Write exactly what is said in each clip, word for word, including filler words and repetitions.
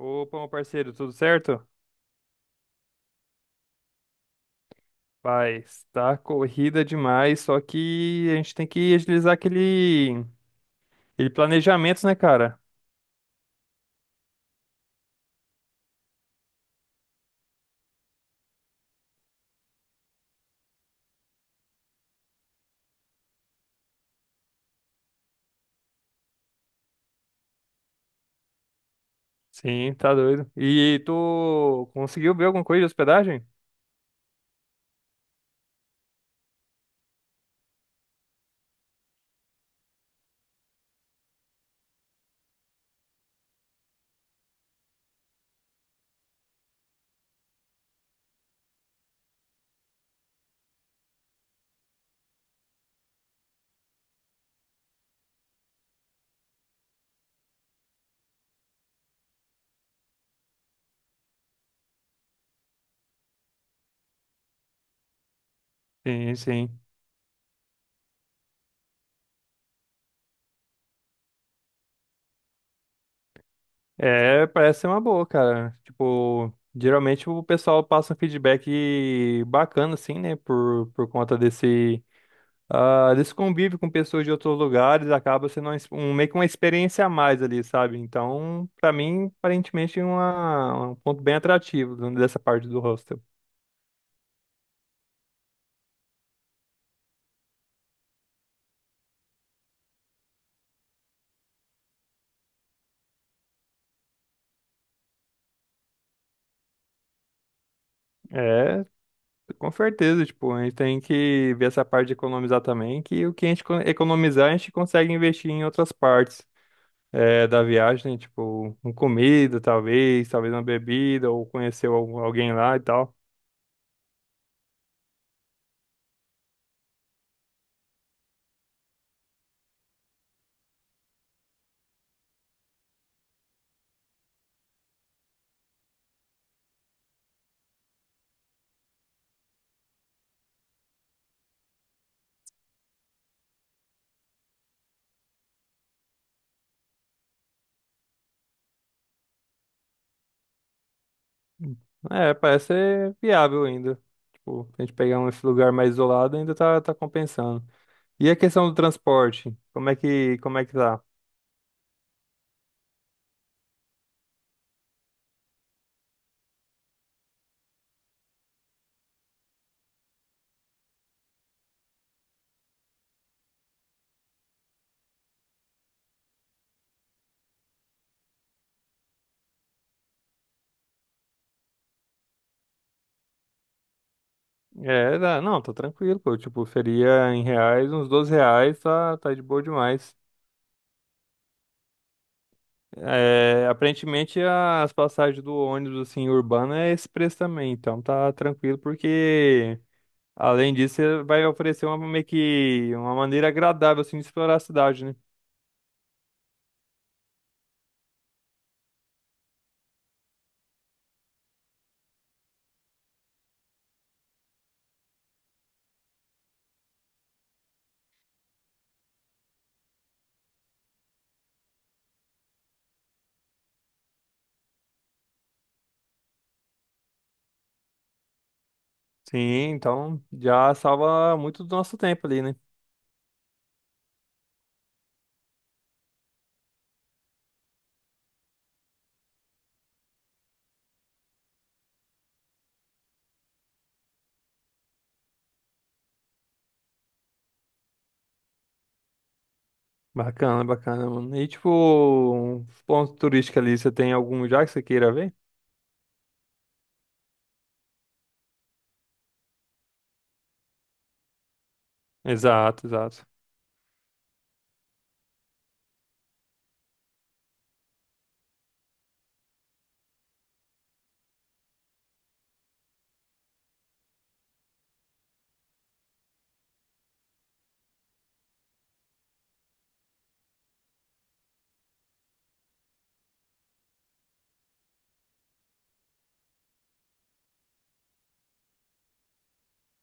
Opa, meu parceiro, tudo certo? Paz, tá corrida demais, só que a gente tem que agilizar aquele, aquele planejamento, né, cara? Sim, tá doido. E tu conseguiu ver alguma coisa de hospedagem? Sim, sim. É, parece ser uma boa, cara. Tipo, geralmente o pessoal passa um feedback bacana, assim, né, por, por conta desse. Ah, desse convívio com pessoas de outros lugares acaba sendo uma ex- um, meio que uma experiência a mais ali, sabe? Então, pra mim, aparentemente, é uma, um ponto bem atrativo dessa parte do hostel. É, com certeza, tipo, a gente tem que ver essa parte de economizar também, que o que a gente co- economizar, a gente consegue investir em outras partes é, da viagem, né? Tipo, em comida, talvez, talvez uma bebida, ou conhecer algum- alguém lá e tal. É, parece ser viável ainda. Tipo, se a gente pegar um esse lugar mais isolado, ainda tá, tá compensando. E a questão do transporte? Como é que, como é que tá? É, dá- não, tá tranquilo, pô. Tipo, seria em reais, uns doze reais, tá, tá de boa demais. É, aparentemente as passagens do ônibus, assim, urbano é esse preço também, então tá tranquilo, porque além disso, você vai oferecer uma, meio que uma maneira agradável, assim, de explorar a cidade, né? Sim, então já salva muito do nosso tempo ali, né? Bacana, bacana, mano. E tipo, um ponto turístico ali, você tem algum já que você queira ver? Exato, exato.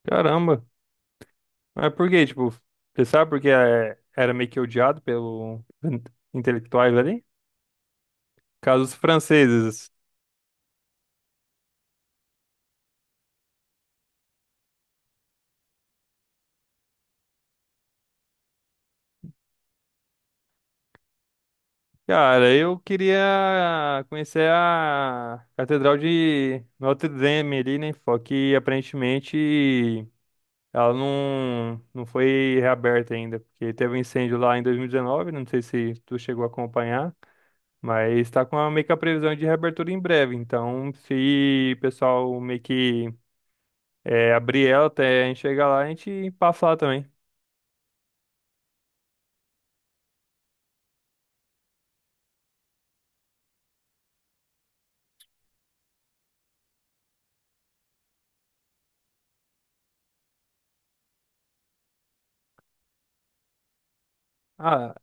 Caramba. Mas por quê? Tipo, você sabe porque é, era meio que odiado pelos intelectuais ali? Casos franceses. Cara, eu queria conhecer a Catedral de Notre Dame ali, né? Só que aparentemente ela não, não foi reaberta ainda, porque teve um incêndio lá em dois mil e dezenove, não sei se tu chegou a acompanhar, mas está com a, meio que a previsão de reabertura em breve. Então, se o pessoal meio que é, abrir ela até a gente chegar lá, a gente passa lá também. Ah,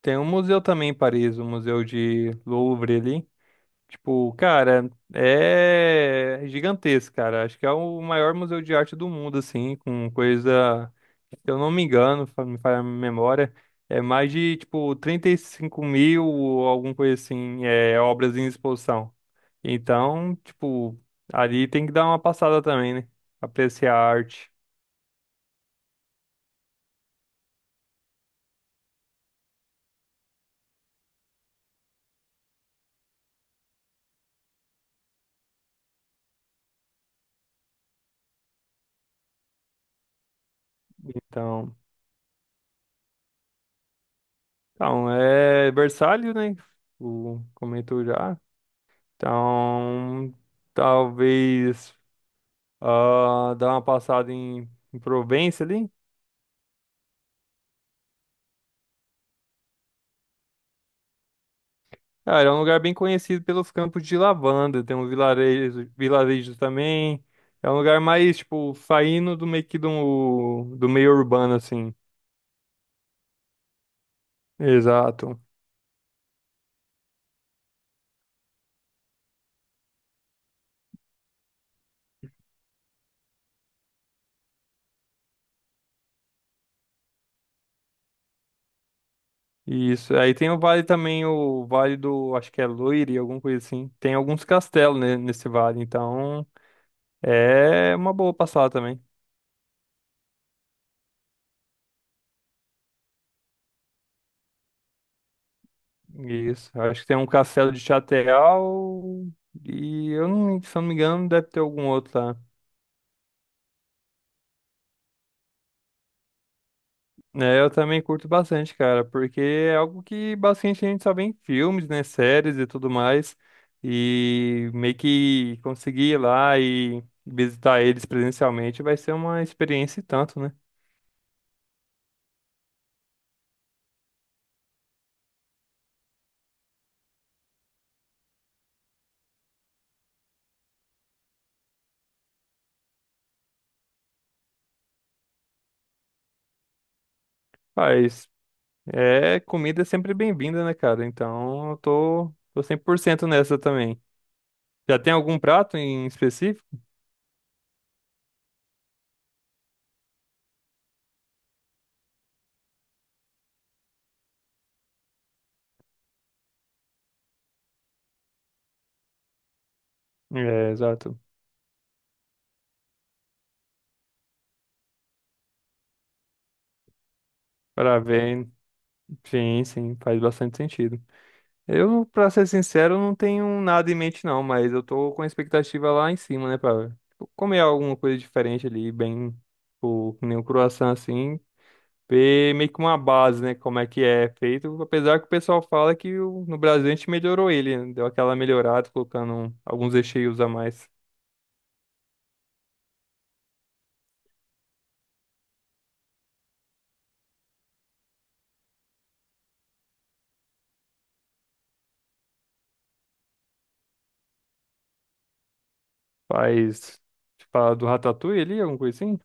tem um museu também em Paris, o Museu de Louvre ali. Tipo, cara, é gigantesco, cara. Acho que é o maior museu de arte do mundo, assim, com coisa, se eu não me engano, fa- me falha a memória, é mais de, tipo, trinta e cinco mil ou alguma coisa assim, é, obras em exposição. Então, tipo, ali tem que dar uma passada também, né? Apreciar a arte. Então, então é versátil, né? O comentou já. Então, talvez, ah, dar uma passada em, em Provença ali. Cara, é um lugar bem conhecido pelos campos de lavanda. Tem um vilarejo, vilarejo também. É um lugar mais, tipo, saindo do meio que do, do meio urbano, assim. Exato. Isso. Aí tem o vale também, o vale do, acho que é Loire, alguma coisa assim. Tem alguns castelos, né, nesse vale, então é uma boa passada também. Isso. Acho que tem um castelo de Chateau e eu não, se eu não me engano, deve ter algum outro lá. É, eu também curto bastante, cara, porque é algo que bastante a gente só vê em filmes, né, séries e tudo mais, e meio que conseguir ir lá e visitar eles presencialmente vai ser uma experiência e tanto, né? Mas é, comida é sempre bem-vinda, né, cara? Então eu tô, tô cem por cento nessa também. Já tem algum prato em específico? É, exato. Para ver, sim, sim, faz bastante sentido. Eu, pra ser sincero, não tenho nada em mente não, mas eu tô com a expectativa lá em cima, né, pra tipo, comer alguma coisa diferente ali, bem, tipo, que nem um croissant assim, ver meio que uma base, né, como é que é feito, apesar que o pessoal fala que o- no Brasil a gente melhorou ele, né, deu aquela melhorada, colocando alguns recheios a mais, faz, tipo, a do ratatouille ali, alguma coisa assim,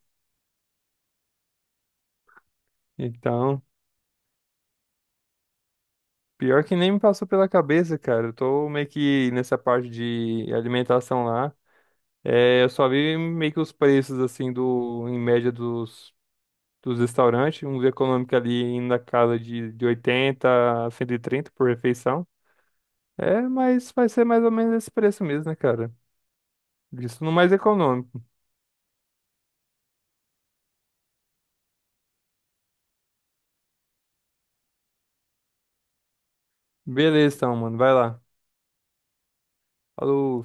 então... Pior que nem me passou pela cabeça, cara. Eu tô meio que nessa parte de alimentação lá. É, eu só vi meio que os preços, assim, do, em média dos, dos restaurantes. Um econômico ali indo na casa de, de oitenta a cento e trinta por refeição. É, mas vai ser mais ou menos esse preço mesmo, né, cara? Isso no mais econômico. Beleza, então, mano. Vai lá. Falou.